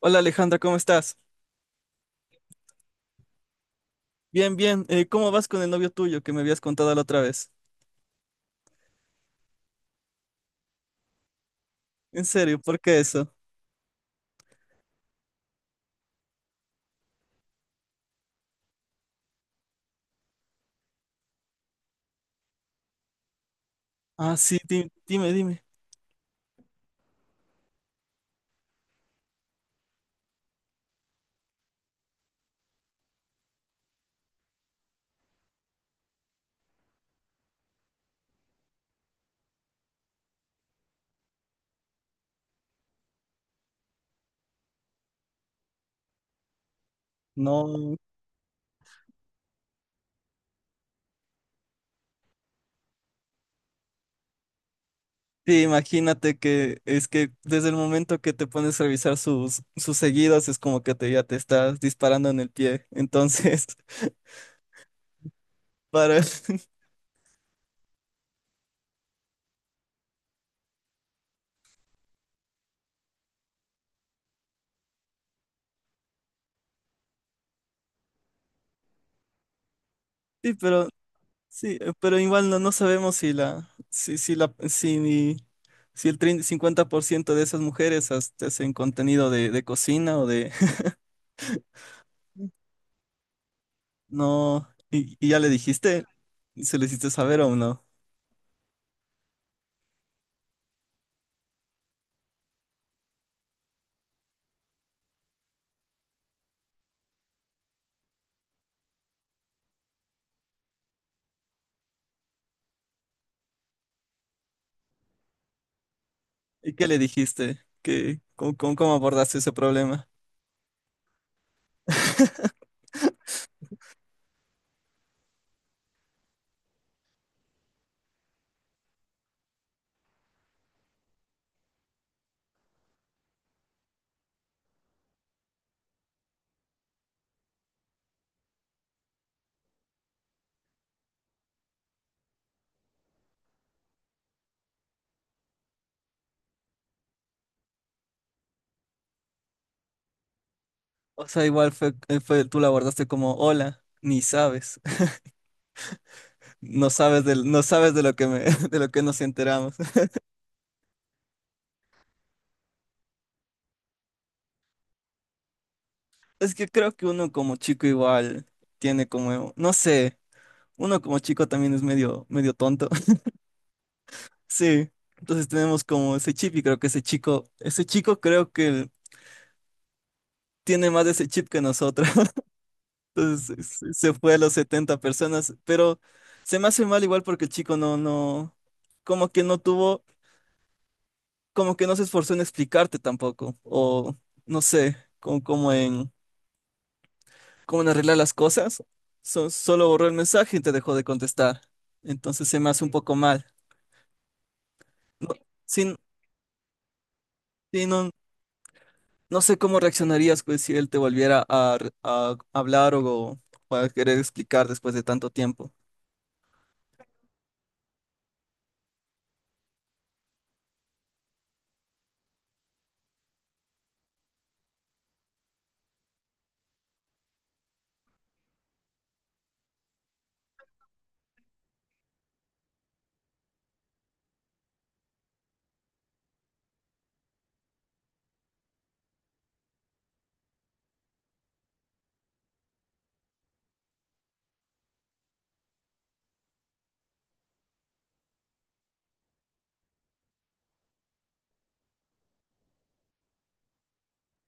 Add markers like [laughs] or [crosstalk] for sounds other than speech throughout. Hola Alejandra, ¿cómo estás? Bien, bien. ¿Cómo vas con el novio tuyo que me habías contado la otra vez? En serio, ¿por qué eso? Ah, sí, dime, dime. No. Sí, imagínate que es que desde el momento que te pones a revisar sus seguidos es como que ya te estás disparando en el pie. Entonces, [laughs] para. [laughs] Sí, pero sí, pero igual no sabemos si si el 50% de esas mujeres hasta hacen contenido de cocina o de. No, ¿y ya le dijiste? ¿Se le hiciste saber o no? ¿Y qué le dijiste? ¿Cómo abordaste ese problema? [laughs] O sea, igual fue, tú la abordaste como, hola, ni sabes, [laughs] no sabes de lo que me, [laughs] de lo que nos enteramos. [laughs] Es que creo que uno como chico igual tiene como, no sé, uno como chico también es medio, medio tonto. [laughs] Sí, entonces tenemos como ese chip y creo que ese chico creo que tiene más de ese chip que nosotros. Entonces se fue a las 70 personas, pero se me hace mal igual porque el chico no, no, como que no tuvo, como, que no se esforzó en explicarte tampoco, o no sé, como en arreglar las cosas. Solo borró el mensaje y te dejó de contestar, entonces se me hace un poco mal. No, sí, sí, no, no sé cómo reaccionarías pues, si él te volviera a hablar, o a querer explicar después de tanto tiempo.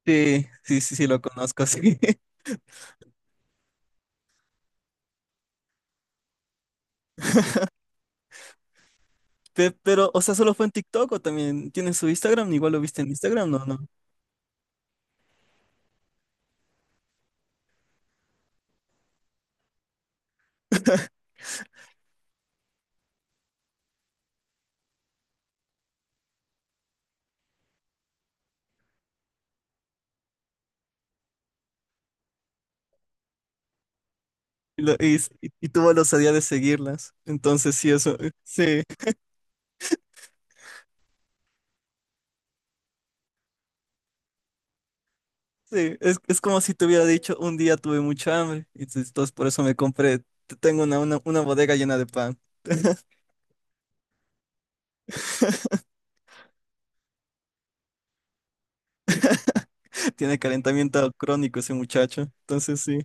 Sí, sí, sí, sí, lo conozco, sí. [laughs] Pero, o sea, ¿solo fue en TikTok o también tiene su Instagram? Igual lo viste en Instagram, ¿no? No. Y, lo- y, y tuvo la osadía de seguirlas. Entonces, sí, eso, [laughs] sí, sí. Es como si te hubiera dicho, un día tuve mucha hambre. Y entonces por eso me compré, tengo una bodega llena de pan. [laughs] Tiene calentamiento crónico ese muchacho. Entonces, sí.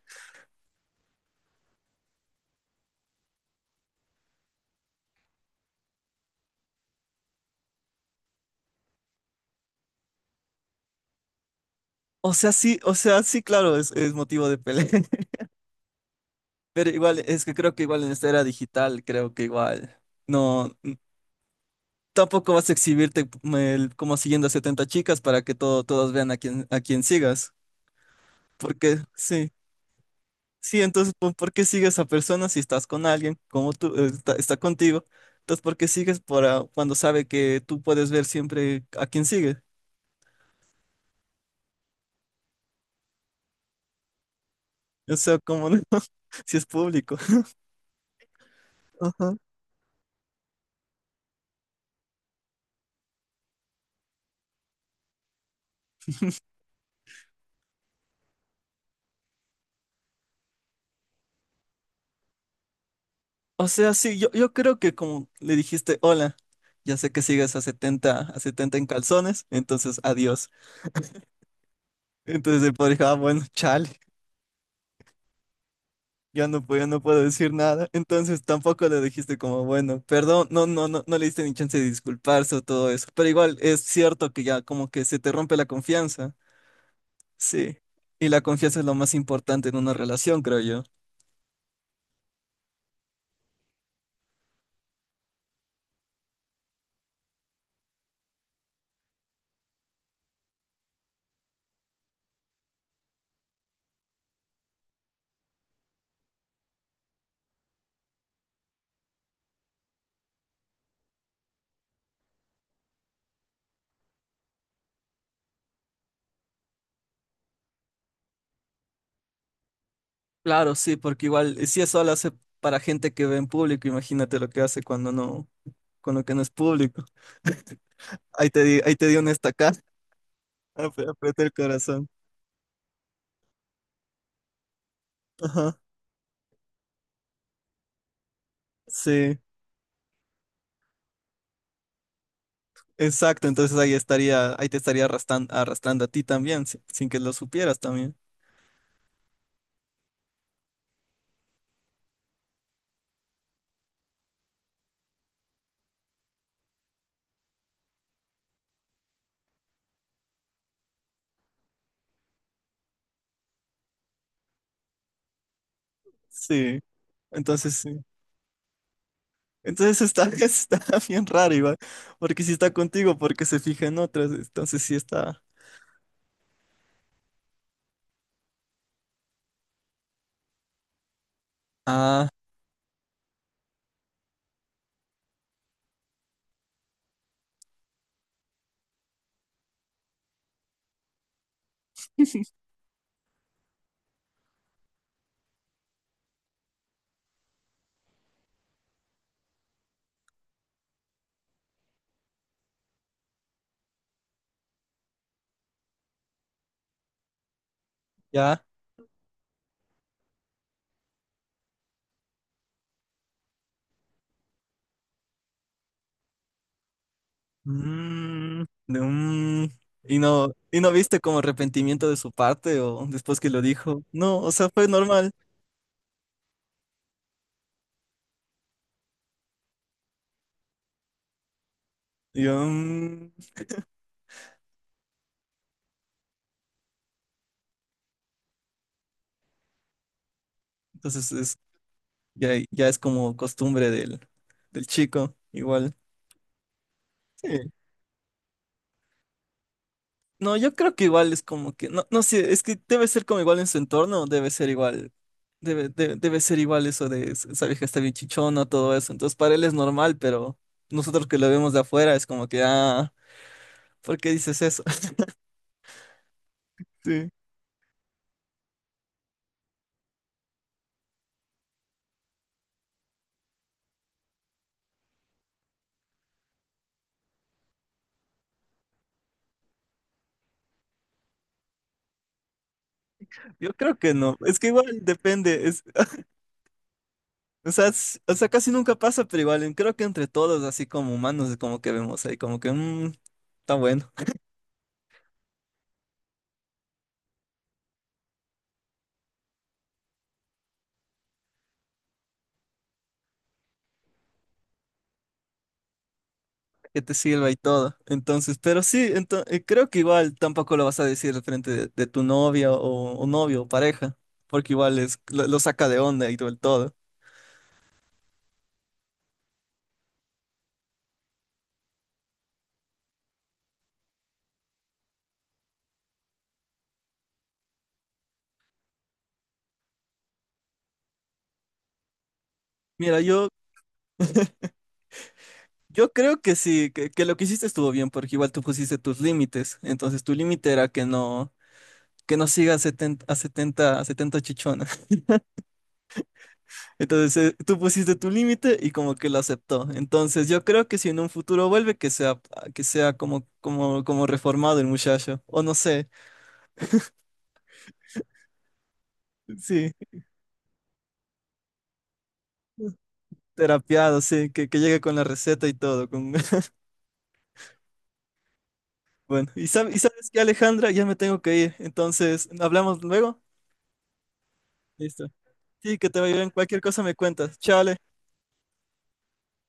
O sea, sí, o sea, sí, claro, es motivo de pelea. [laughs] Pero igual, es que creo que igual en esta era digital, creo que igual. No, tampoco vas a exhibirte como siguiendo a 70 chicas para que todo, todas vean a quién sigas. Porque, sí, sí, entonces, ¿por qué sigues a personas si estás con alguien como tú, está contigo? Entonces, ¿por qué sigues para cuando sabe que tú puedes ver siempre a quién sigue? O sea, como no, [laughs] si es público. Ajá. O sea, sí, yo creo que como le dijiste, hola, ya sé que sigues a setenta en calzones, entonces adiós. Entonces el padre dijo, ah, bueno, chale. Yo no puedo decir nada. Entonces tampoco le dijiste como, bueno, perdón, no le diste ni chance de disculparse o todo eso. Pero igual es cierto que ya como que se te rompe la confianza. Sí. Y la confianza es lo más importante en una relación, creo yo. Claro, sí, porque igual si eso lo hace para gente que ve en público, imagínate lo que hace cuando no, con lo que no es público. [laughs] Ahí te di una estacada. [laughs] Apreté el corazón. Ajá. Sí. Exacto, entonces ahí estaría, ahí te estaría arrastrando, arrastrando a ti también, sin que lo supieras también. Sí, sí. Entonces está, [laughs] está bien raro igual, porque si está contigo, porque se fija en otras, entonces sí está. Ah, ya. Mm, mm. ¿Y no, y no viste como arrepentimiento de su parte o después que lo dijo? No, o sea, fue normal. Y yo, entonces ya es como costumbre del chico, igual. Sí. No, yo creo que igual es como que, no, no sé, es que debe ser como igual en su entorno, debe ser igual, debe ser igual eso de "esa vieja está bien chichona", todo eso. Entonces para él es normal, pero nosotros que lo vemos de afuera es como que, ah, ¿por qué dices eso? [laughs] Sí, yo creo que no, es que igual depende, es, [laughs] o sea, o sea, casi nunca pasa, pero igual creo que entre todos, así como humanos, es como que vemos ahí, como que, "Mm, está bueno, que te sirva y todo". Entonces, pero sí, creo que igual tampoco lo vas a decir frente de tu novia o novio o pareja, porque igual lo saca de onda y todo el todo. Mira, yo, creo que sí, que lo que hiciste estuvo bien, porque igual tú pusiste tus límites. Entonces, tu límite era que no siga a setenta chichona. [laughs] Entonces, tú pusiste tu límite y como que lo aceptó. Entonces, yo creo que si en un futuro vuelve, que sea como, reformado el muchacho, o no sé. Sí. Terapiado, sí, que llegue con la receta y todo. Con. [laughs] Bueno, y, sabes que Alejandra, ya me tengo que ir. Entonces, ¿hablamos luego? Listo. Sí, que te vaya bien. Cualquier cosa me cuentas. Chao, Ale.